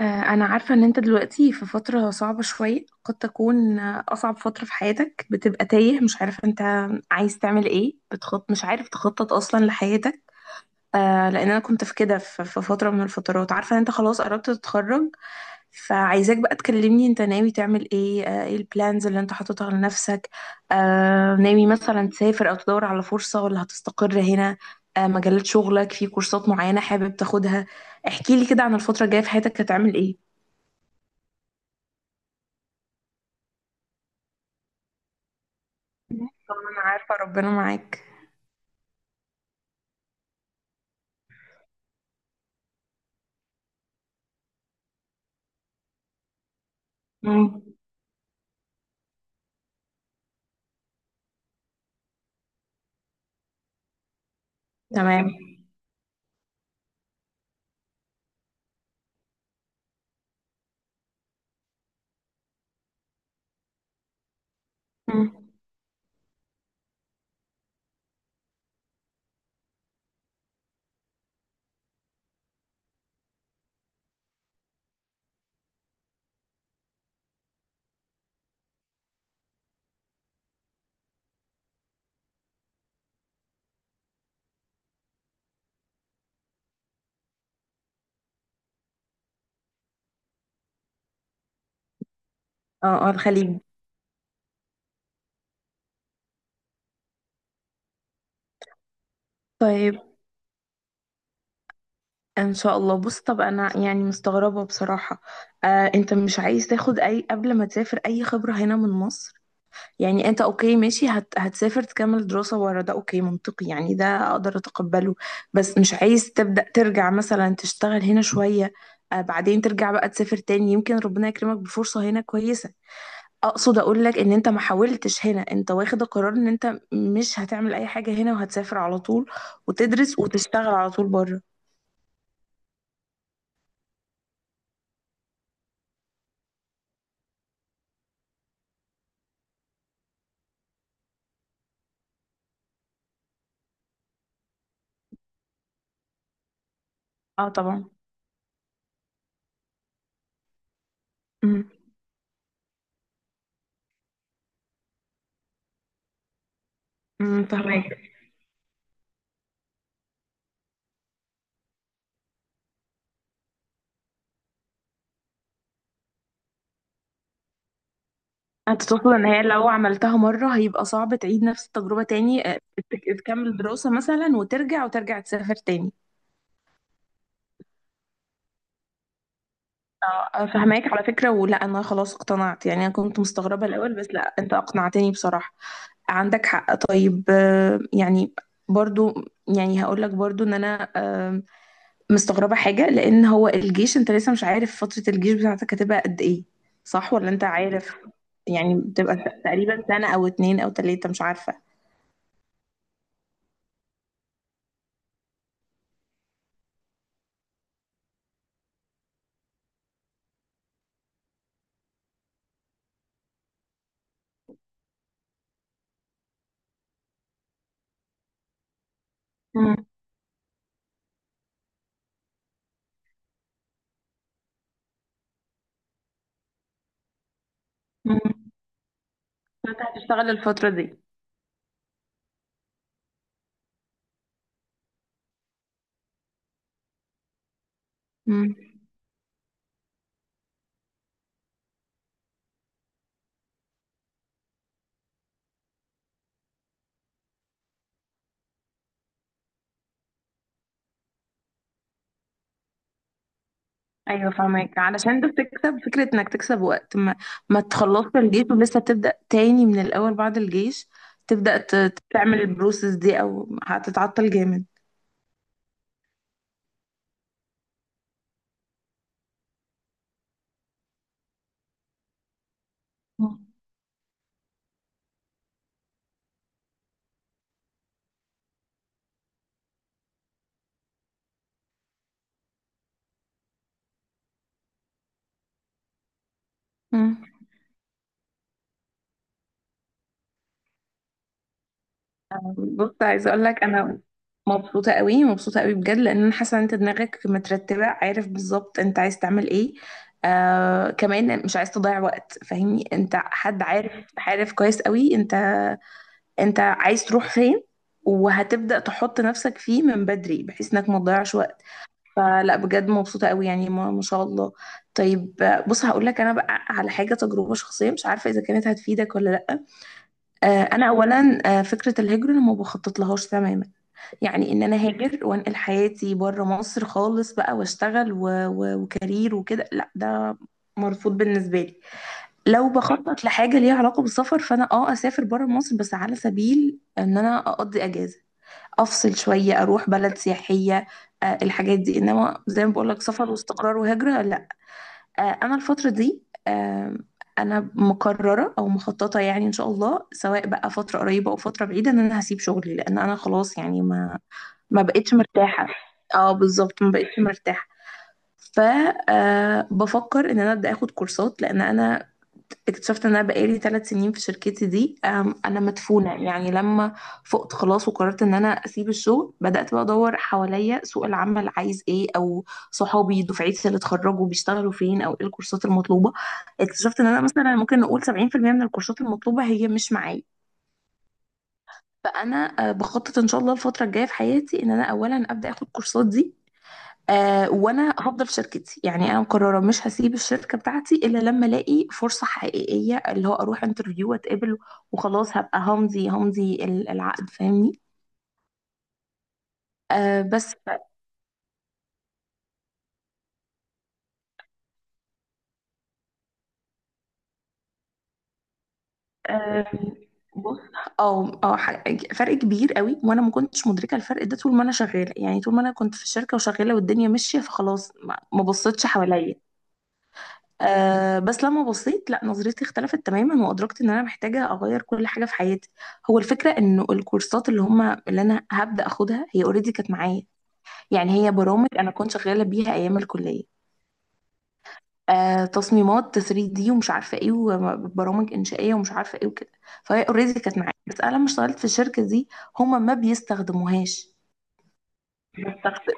أنا عارفة إن أنت دلوقتي في فترة صعبة شوية، قد تكون أصعب فترة في حياتك. بتبقى تايه، مش عارف أنت عايز تعمل إيه، مش عارف تخطط أصلا لحياتك. لأن أنا كنت في كده، في فترة من الفترات. عارفة إن أنت خلاص قربت تتخرج، فعايزاك بقى تكلمني أنت ناوي تعمل إيه. إيه البلانز اللي أنت حاططها لنفسك؟ ناوي مثلا تسافر أو تدور على فرصة، ولا هتستقر هنا؟ مجالات شغلك، في كورسات معينة حابب تاخدها؟ احكيلي كده عن الفترة الجاية في حياتك هتعمل إيه. طبعا انا عارفة ربنا معاك. مم. تمام. مم. اه، اه، الخليج. طيب. ان شاء الله. بص، طب انا يعني مستغربة بصراحة. انت مش عايز تاخد اي، قبل ما تسافر، اي خبرة هنا من مصر؟ يعني انت اوكي، ماشي، هتسافر تكمل دراسة ورا، ده اوكي منطقي، يعني ده اقدر اتقبله. بس مش عايز تبدأ ترجع مثلا تشتغل هنا شوية، بعدين ترجع بقى تسافر تاني، يمكن ربنا يكرمك بفرصة هنا كويسة؟ اقصد اقول لك ان انت ما حاولتش هنا، انت واخد القرار ان انت مش هتعمل اي حاجة هنا، وهتسافر على طول، وتدرس وتشتغل على طول بره. اه، طبعا. امم فهمك. انت تقصد ان هي لو عملتها مرة هيبقى صعب تعيد نفس التجربة تاني، تكمل دراسة مثلا وترجع، وترجع تسافر تاني. اه، فهماك على فكرة. ولا انا خلاص اقتنعت، يعني انا كنت مستغربة الاول، بس لا، انت اقنعتني بصراحة. عندك حق. طيب، يعني برضو، يعني هقول لك برضو ان انا مستغربة حاجة، لأن هو الجيش أنت لسه مش عارف فترة الجيش بتاعتك هتبقى قد إيه، صح؟ ولا أنت عارف؟ يعني بتبقى تقريبا سنة أو اتنين أو تلاتة، مش عارفة. مم. مم. فأنت هتشتغل الفترة دي. مم. أيوة فاهمك. علشان ده بتكسب فكرة إنك تكسب وقت، ما تخلصش الجيش ولسه بتبدأ تاني من الأول بعد الجيش، تبدأ تعمل البروسيس دي، أو هتتعطل جامد. مم. بص، عايزه اقول لك انا مبسوطه قوي، مبسوطه قوي بجد. لان انا حاسه ان انت دماغك مترتبه، عارف بالظبط انت عايز تعمل ايه. كمان مش عايز تضيع وقت، فاهمني، انت حد عارف، عارف كويس قوي، انت عايز تروح فين، وهتبدا تحط نفسك فيه من بدري، بحيث انك ما تضيعش وقت. فلا، بجد مبسوطه قوي. يعني ما شاء الله. طيب، بص هقول لك انا بقى على حاجه، تجربه شخصيه مش عارفه اذا كانت هتفيدك ولا لا. انا اولا، فكره الهجره انا ما بخطط لهاش تماما. يعني ان انا هاجر وانقل حياتي بره مصر خالص بقى واشتغل وكارير وكده، لا ده مرفوض بالنسبه لي. لو بخطط لحاجه ليها علاقه بالسفر، فانا اه اسافر بره مصر بس على سبيل ان انا اقضي اجازه، افصل شويه، اروح بلد سياحيه. الحاجات دي، انما زي ما بقول لك سفر واستقرار وهجره، لا. انا الفتره دي، انا مقرره او مخططه، يعني ان شاء الله سواء بقى فتره قريبه او فتره بعيده، ان انا هسيب شغلي. لان انا خلاص، يعني ما بقتش مرتاحة. اه بالظبط، ما بقتش مرتاحة. ف بفكر ان انا ابدا اخد كورسات. لان انا اكتشفت ان انا بقالي ثلاث سنين في شركتي دي، انا مدفونة. يعني لما فقت، خلاص وقررت ان انا اسيب الشغل، بدات بقى ادور حواليا، سوق العمل عايز ايه، او صحابي دفعتي اللي اتخرجوا بيشتغلوا فين، او ايه الكورسات المطلوبة. اكتشفت ان انا مثلا ممكن نقول 70% من الكورسات المطلوبة هي مش معايا. فانا بخطط ان شاء الله الفتره الجايه في حياتي ان انا اولا ابدا اخد كورسات دي. وانا هفضل في شركتي، يعني انا مقرره مش هسيب الشركه بتاعتي الا لما الاقي فرصه حقيقيه، اللي هو اروح انترفيو واتقبل، وخلاص هبقى همضي، العقد، فاهمني. بس آه بص، اه اه ح- فرق كبير قوي. وانا ما كنتش مدركه الفرق ده طول ما انا شغاله، يعني طول ما انا كنت في الشركه وشغاله والدنيا ماشيه، فخلاص ما بصيتش حواليا. بس لما بصيت، لا، نظرتي اختلفت تماما وأدركت إن أنا محتاجة أغير كل حاجة في حياتي. هو الفكرة إنه الكورسات اللي هما اللي أنا هبدأ أخدها هي أوريدي كانت معايا. يعني هي برامج أنا كنت شغالة بيها أيام الكلية. تصميمات 3D ومش عارفة إيه، وبرامج إنشائية ومش عارفة إيه، وكده. فهي أوريدي كانت معايا، بس أنا لما اشتغلت في الشركة دي هما ما بيستخدموهاش. بستخدم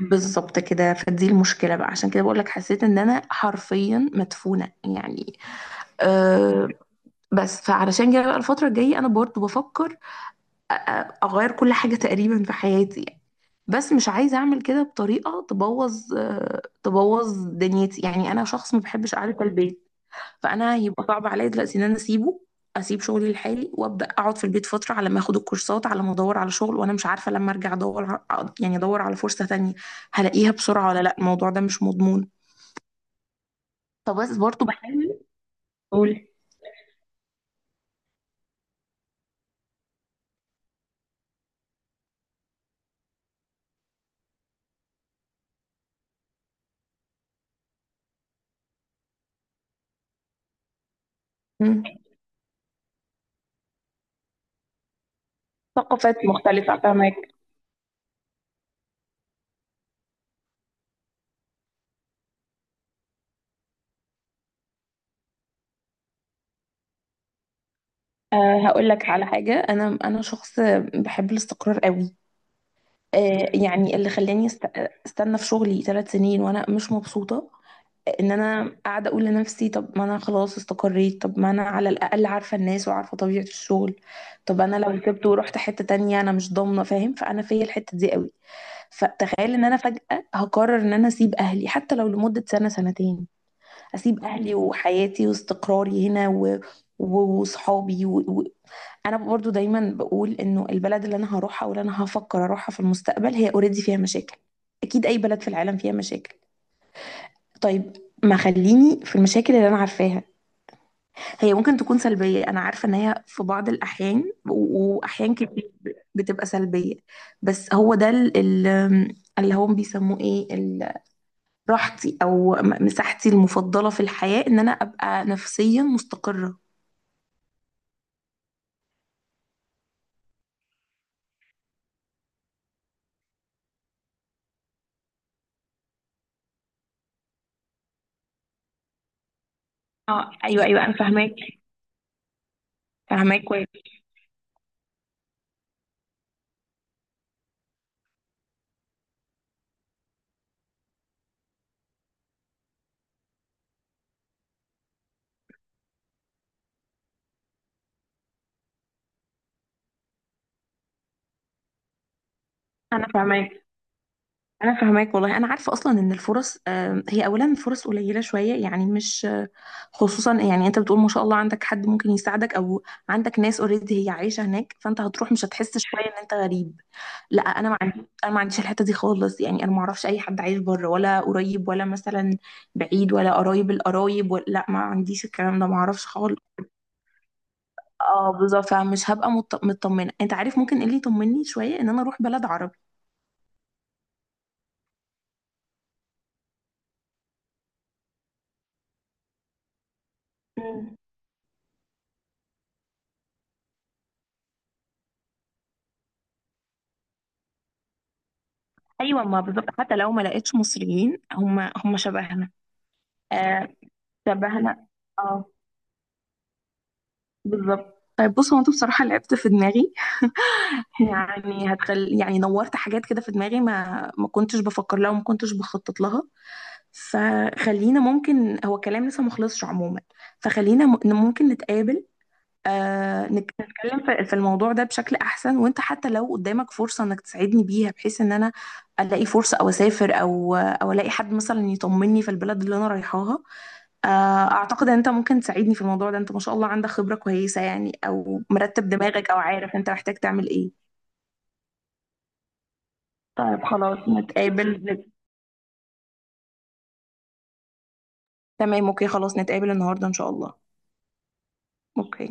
بالظبط كده. فدي المشكلة بقى، عشان كده بقولك حسيت إن أنا حرفيا مدفونة يعني. آه، بس، فعلشان كده بقى الفترة الجاية أنا برضو بفكر أغير كل حاجة تقريبا في حياتي يعني. بس مش عايزة أعمل كده بطريقة تبوظ، تبوظ دنيتي. يعني أنا شخص ما بحبش قعدة البيت، فأنا هيبقى صعب عليا دلوقتي إن أنا أسيبه، أسيب شغلي لحالي وأبدأ أقعد في البيت فترة على ما أخد الكورسات، على ما أدور على شغل، وأنا مش عارفة لما أرجع أدور يعني أدور على فرصة تانية هلاقيها بسرعة ولا لأ، الموضوع ده مش مضمون. فبس برضو بحاول أقول. مم. ثقافات مختلفة، فاهمة. هقول لك على حاجة، أنا شخص بحب الاستقرار قوي. يعني اللي خلاني استنى في شغلي ثلاث سنين وأنا مش مبسوطة، إن أنا قاعدة أقول لنفسي طب ما أنا خلاص استقريت، طب ما أنا على الأقل عارفة الناس وعارفة طبيعة الشغل. طب أنا لو سبت ورحت حتة تانية أنا مش ضامنة، فاهم؟ فأنا فيا الحتة دي قوي. فتخيل إن أنا فجأة هقرر إن أنا أسيب أهلي حتى لو لمدة سنة سنتين، هسيب اهلي وحياتي واستقراري هنا وصحابي انا برضو دايما بقول انه البلد اللي انا هروحها، واللي انا هفكر اروحها في المستقبل، هي اوريدي فيها مشاكل. اكيد اي بلد في العالم فيها مشاكل. طيب، ما خليني في المشاكل اللي انا عارفاها. هي ممكن تكون سلبية، انا عارفة ان هي في بعض الاحيان واحيان كتير بتبقى سلبية. بس هو ده اللي هم بيسموه ايه، راحتي او مساحتي المفضله في الحياه، ان انا ابقى نفسيا مستقره. اه، ايوه، ايوه، انا فاهماك. فاهماك كويس. انا فاهماك. انا فاهماك والله. انا عارفه اصلا ان الفرص، هي اولا فرص قليله شويه، يعني مش، خصوصا يعني انت بتقول ما شاء الله عندك حد ممكن يساعدك، او عندك ناس اوريدي هي عايشه هناك، فانت هتروح مش هتحس شويه ان انت غريب. لا، انا ما عنديش الحته دي خالص، يعني انا ما اعرفش اي حد عايش بره ولا قريب، ولا مثلا بعيد، ولا قرايب القرايب، ولا لا، ما عنديش الكلام ده، ما اعرفش خالص. اه بالظبط. فمش هبقى مطمنه، انت عارف ممكن ايه اللي يطمني شويه ان انا اروح بلد عربي. ايوه، ما بالظبط حتى لو ما لقيتش مصريين هم شبهنا. آه، شبهنا. اه بالظبط. طيب بص، هو انت بصراحه لعبت في دماغي. يعني هتخل، يعني نورت حاجات كده في دماغي ما كنتش بفكر لها، وما كنتش بخطط لها. فخلينا ممكن، هو كلام لسه مخلصش عموما. فخلينا ممكن نتقابل، نتكلم في الموضوع ده بشكل احسن. وانت حتى لو قدامك فرصة انك تساعدني بيها، بحيث ان انا الاقي فرصة او اسافر، او الاقي حد مثلا يطمني في البلد اللي انا رايحاها. آه اعتقد ان انت ممكن تساعدني في الموضوع ده، انت ما شاء الله عندك خبرة كويسة، يعني او مرتب دماغك، او عارف انت محتاج تعمل ايه. طيب خلاص نتقابل، تمام. اوكي. خلاص نتقابل النهاردة ان شاء الله. اوكي.